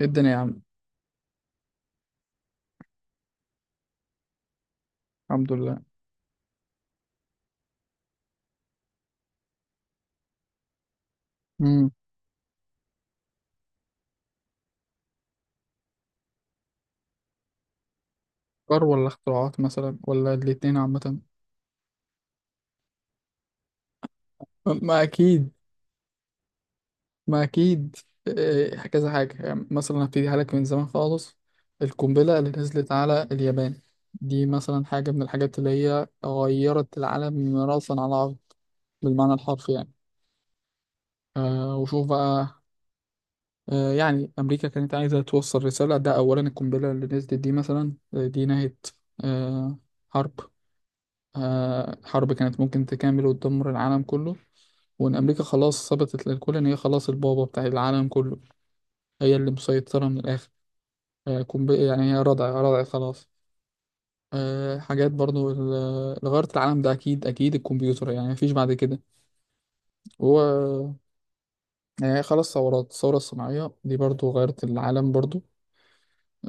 إيه الدنيا يا عم؟ الحمد لله. امم. أفكار ولا اختراعات مثلا ولا الاتنين عامة؟ ما أكيد، ما أكيد. إيه، كذا حاجة يعني مثلا هبتدي لك من زمان خالص. القنبلة اللي نزلت على اليابان، دي مثلا حاجة من الحاجات اللي هي غيرت العالم رأسا على عقب، بالمعنى الحرفي يعني. آه، وشوف بقى. آه يعني أمريكا كانت عايزة توصل رسالة، ده أولا. القنبلة اللي نزلت دي مثلا، دي نهت آه حرب، حرب كانت ممكن تكمل وتدمر العالم كله، وإن أمريكا خلاص ثبتت للكل إن هي خلاص البابا بتاع العالم كله، هي اللي مسيطرة من الآخر. يعني هي رضع رضع خلاص. حاجات برضو اللي غيرت العالم ده أكيد أكيد الكمبيوتر، يعني مفيش بعد كده. هو يعني خلاص ثورات الثورة الصناعية دي برضو غيرت العالم برضو.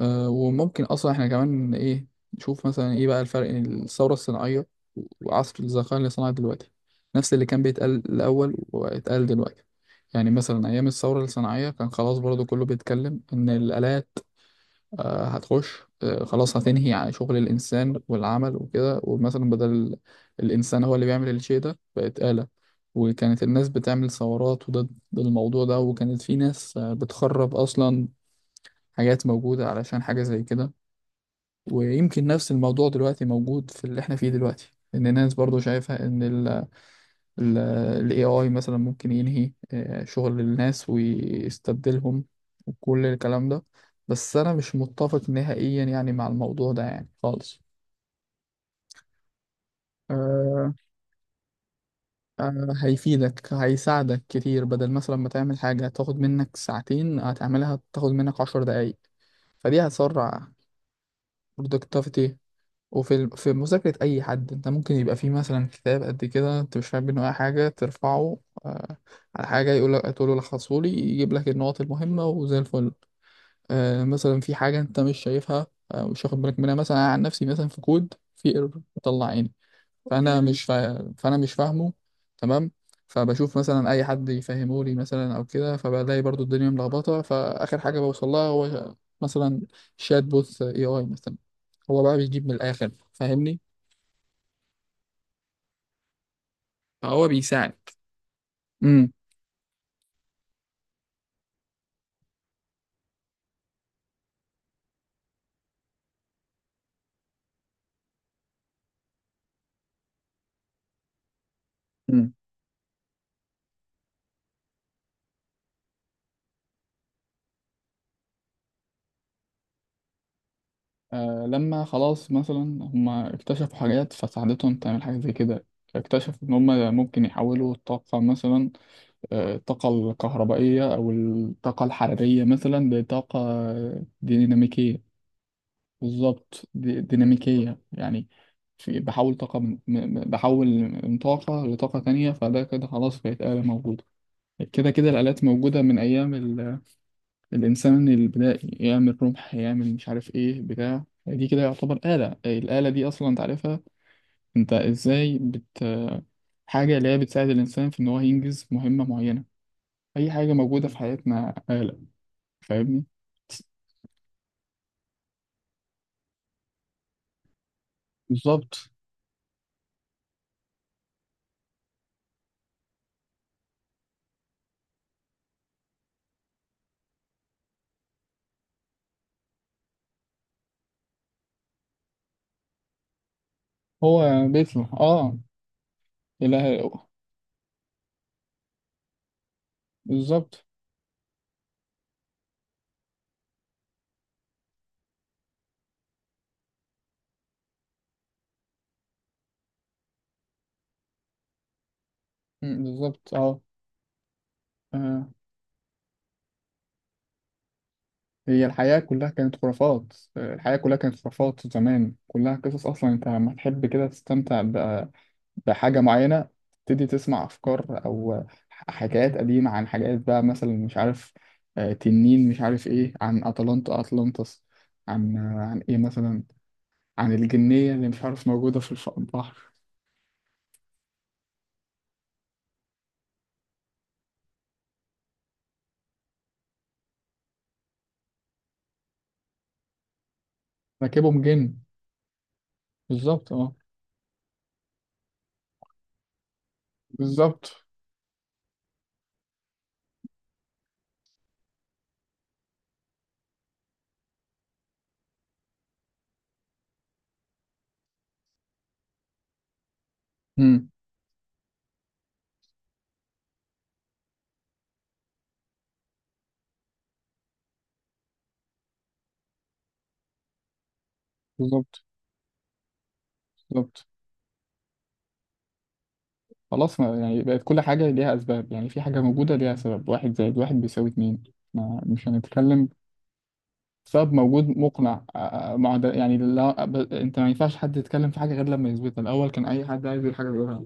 وممكن اصلا احنا كمان ايه نشوف مثلا ايه بقى الفرق بين الثوره الصناعيه وعصر الذكاء الاصطناعي دلوقتي؟ نفس اللي كان بيتقال الاول واتقال دلوقتي. يعني مثلا ايام الثوره الصناعيه كان خلاص برضو كله بيتكلم ان الالات هتخش، خلاص هتنهي عن شغل الانسان والعمل وكده، ومثلا بدل الانسان هو اللي بيعمل الشيء ده بقت آلة، وكانت الناس بتعمل ثورات وضد الموضوع ده، وكانت في ناس بتخرب اصلا حاجات موجوده علشان حاجه زي كده. ويمكن نفس الموضوع دلوقتي موجود في اللي احنا فيه دلوقتي، ان الناس برضو شايفة ان ال AI مثلا ممكن ينهي شغل الناس ويستبدلهم وكل الكلام ده. بس انا مش متفق نهائيا يعني مع الموضوع ده يعني خالص. آه. آه هيفيدك، هيساعدك كتير، بدل مثلا ما تعمل حاجة هتاخد منك ساعتين، هتعملها تاخد منك 10 دقايق، فدي هتسرع productivity. وفي في مذاكرة أي حد، أنت ممكن يبقى فيه مثلا كتاب قد كده أنت مش فاهم منه أي حاجة، ترفعه آه على حاجة، يقول لك تقول له لخصهولي، يجيب لك النقط المهمة وزي الفل. آه مثلا في حاجة أنت مش شايفها، آه مش واخد بالك منها، مثلا أنا عن نفسي مثلا في كود في ايرور بيطلع عيني، فأنا مش فاهمه. تمام. فبشوف مثلا أي حد يفهمه لي مثلا أو كده، فبلاقي برضو الدنيا ملخبطة، فآخر حاجة بوصل لها هو مثلا شات بوث اي اي مثلا، هو بقى بيجيب من الآخر، فاهمني. فهو بيساعد. امم. مم. آه لما خلاص مثلا هما اكتشفوا حاجات فساعدتهم تعمل حاجة زي كده، اكتشفوا إن هما ممكن يحولوا الطاقة مثلا، الطاقة الكهربائية أو الطاقة الحرارية مثلا لطاقة ديناميكية. بالظبط، دي ديناميكية يعني، في بحول طاقة من بحول من طاقة لطاقة تانية، فده كده خلاص بقت آلة موجودة. كده كده الآلات موجودة من أيام الإنسان اللي بدأ يعمل رمح، يعمل مش عارف إيه بتاع دي كده، يعتبر آلة. الآلة دي أصلا أنت عارفها، أنت إزاي بت حاجة اللي هي بتساعد الإنسان في إن هو ينجز مهمة معينة، أي حاجة موجودة في حياتنا آلة، فاهمني. بالظبط. هو بيته اه. إله، بالظبط. مم، بالظبط اه. آه. هي الحياة كلها كانت خرافات، الحياة كلها كانت خرافات زمان، كلها قصص، أصلا أنت لما تحب كده تستمتع بحاجة معينة، تبتدي تسمع أفكار أو حكايات قديمة عن حاجات بقى مثلا مش عارف، تنين مش عارف إيه، عن أتلانتا أتلانتس، عن إيه مثلا، عن الجنية اللي مش عارف موجودة في البحر، راكبهم جن. بالظبط أه. بالظبط. امم. بالظبط، بالظبط. خلاص ما يعني بقت كل حاجة ليها أسباب، يعني في حاجة موجودة ليها سبب، واحد زائد واحد بيساوي اتنين، ما مش هنتكلم. سبب موجود مقنع، مع ده يعني، لا انت ما ينفعش حد يتكلم في حاجه غير لما يثبتها الاول، كان اي حد عايز يقول حاجه بيقولها،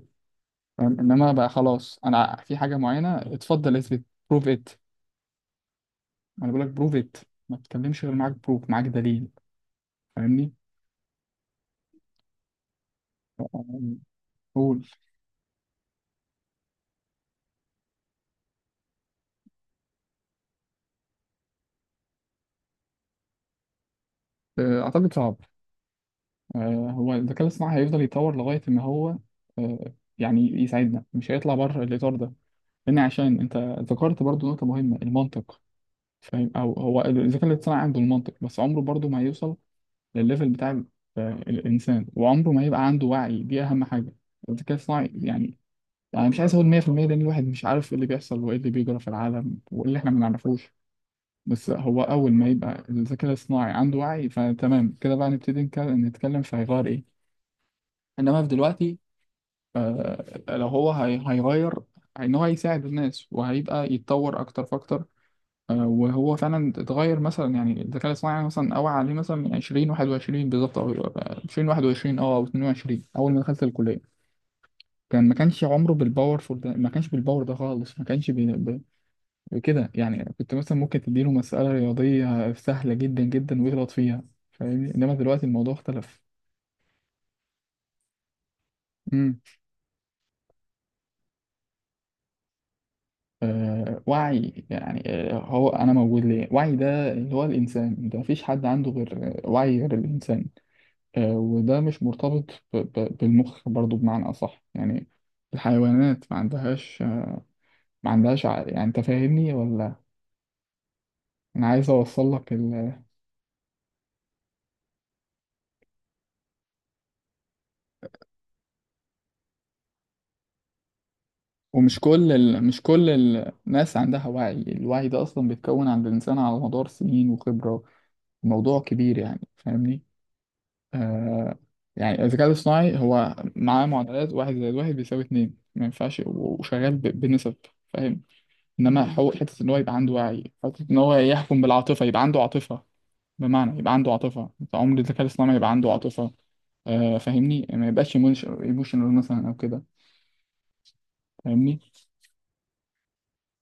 فاهم. انما بقى خلاص انا في حاجه معينه اتفضل اثبت. بروف ات. انا بقول لك بروف ات، ما تتكلمش غير معاك بروف، معاك دليل، فاهمني. آه، قول. آه، اعتقد صعب. هو الذكاء الاصطناعي هيفضل يتطور لغايه ان هو يعني يساعدنا، مش هيطلع بره الاطار ده، لان عشان انت ذكرت برضو نقطه مهمه، المنطق. فاهم، او هو الذكاء الاصطناعي عنده المنطق بس عمره برضه ما هيوصل للليفل بتاع الانسان، وعمره ما يبقى عنده وعي، دي اهم حاجه، الذكاء الاصطناعي يعني. انا مش عايز اقول 100% لان الواحد مش عارف ايه اللي بيحصل وايه اللي بيجرى في العالم وايه اللي احنا ما نعرفوش، بس هو اول ما يبقى الذكاء الاصطناعي عنده وعي فتمام كده بقى نبتدي نتكلم في هيغير ايه. انما في دلوقتي لو هو هيغير ان هو هيساعد الناس، وهيبقى يتطور اكتر فاكتر. وهو فعلا اتغير مثلا يعني، الذكاء الاصطناعي مثلا اوعى عليه مثلا من 20 21 بالظبط، او 20 21 اه او 22 اول ما دخلت الكليه، كان ما كانش عمره بالباورفول ده، ما كانش بالباور ده خالص، ما كانش بكده، يعني كنت مثلا ممكن تديله مساله رياضيه سهله جدا جدا ويغلط فيها، فاهمني. انما دلوقتي الموضوع اختلف. امم. آه، وعي يعني آه هو انا موجود ليه، وعي ده اللي هو الانسان، ده مفيش حد عنده غير وعي غير الانسان، وده مش مرتبط بالمخ برضو بمعنى أصح يعني، الحيوانات ما عندهاش، ما عندهاش عقل يعني، أنت فاهمني ولا؟ أنا عايز أوصل لك ال... ومش كل ال... مش كل الناس عندها وعي، الوعي ده أصلا بيتكون عند الإنسان على مدار سنين وخبرة، موضوع كبير يعني، فاهمني. آه، يعني الذكاء الاصطناعي هو معاه معادلات واحد زائد واحد بيساوي اتنين، ما ينفعش، وشغال بنسب، فاهم. انما حته ان هو يبقى عنده وعي، حته ان هو يحكم بالعاطفه يبقى عنده عاطفه، بمعنى يبقى عنده عاطفة، انت عمر الذكاء الاصطناعي يبقى عنده عاطفة. آه، فاهمني، ما يبقاش ايموشنال مثلا او كده، فاهمني.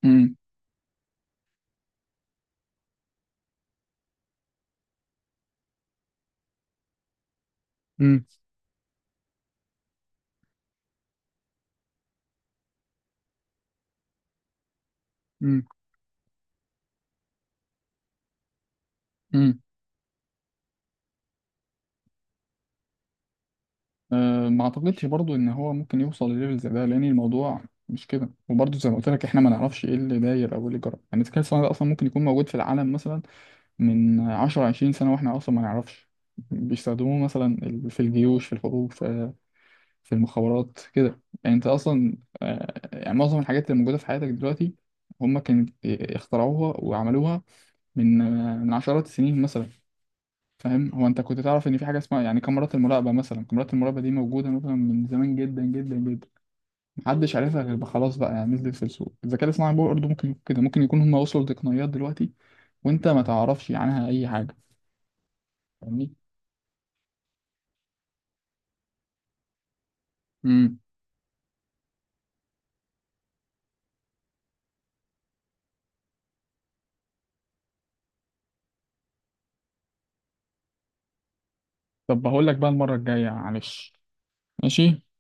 امم. امم. امم. امم. آه، ما اعتقدش برضو ان هو ممكن يوصل لليفل زي ده، لان الموضوع مش كده، وبرضو زي ما قلت لك احنا ما نعرفش ايه اللي داير او ايه اللي جرى، يعني الذكاء الاصطناعي ده اصلا ممكن يكون موجود في العالم مثلا من 10 20 سنة واحنا اصلا ما نعرفش، بيستخدموه مثلا في الجيوش في الحروب في المخابرات كده يعني، انت اصلا يعني معظم الحاجات اللي موجوده في حياتك دلوقتي هم كانت اخترعوها وعملوها من من عشرات السنين مثلا، فاهم. هو انت كنت تعرف ان في حاجه اسمها يعني كاميرات المراقبه، مثلا كاميرات المراقبه دي موجوده مثلا من زمان جدا جدا جدا، محدش عارفها، غير بقى خلاص بقى يعني نزلت في السوق، الذكاء الاصطناعي برضه ممكن يكون كده، ممكن يكون هم وصلوا لتقنيات دلوقتي وانت ما تعرفش عنها اي حاجه، فاهمني. امم. طب هقول لك بقى المره الجايه معلش. ماشي.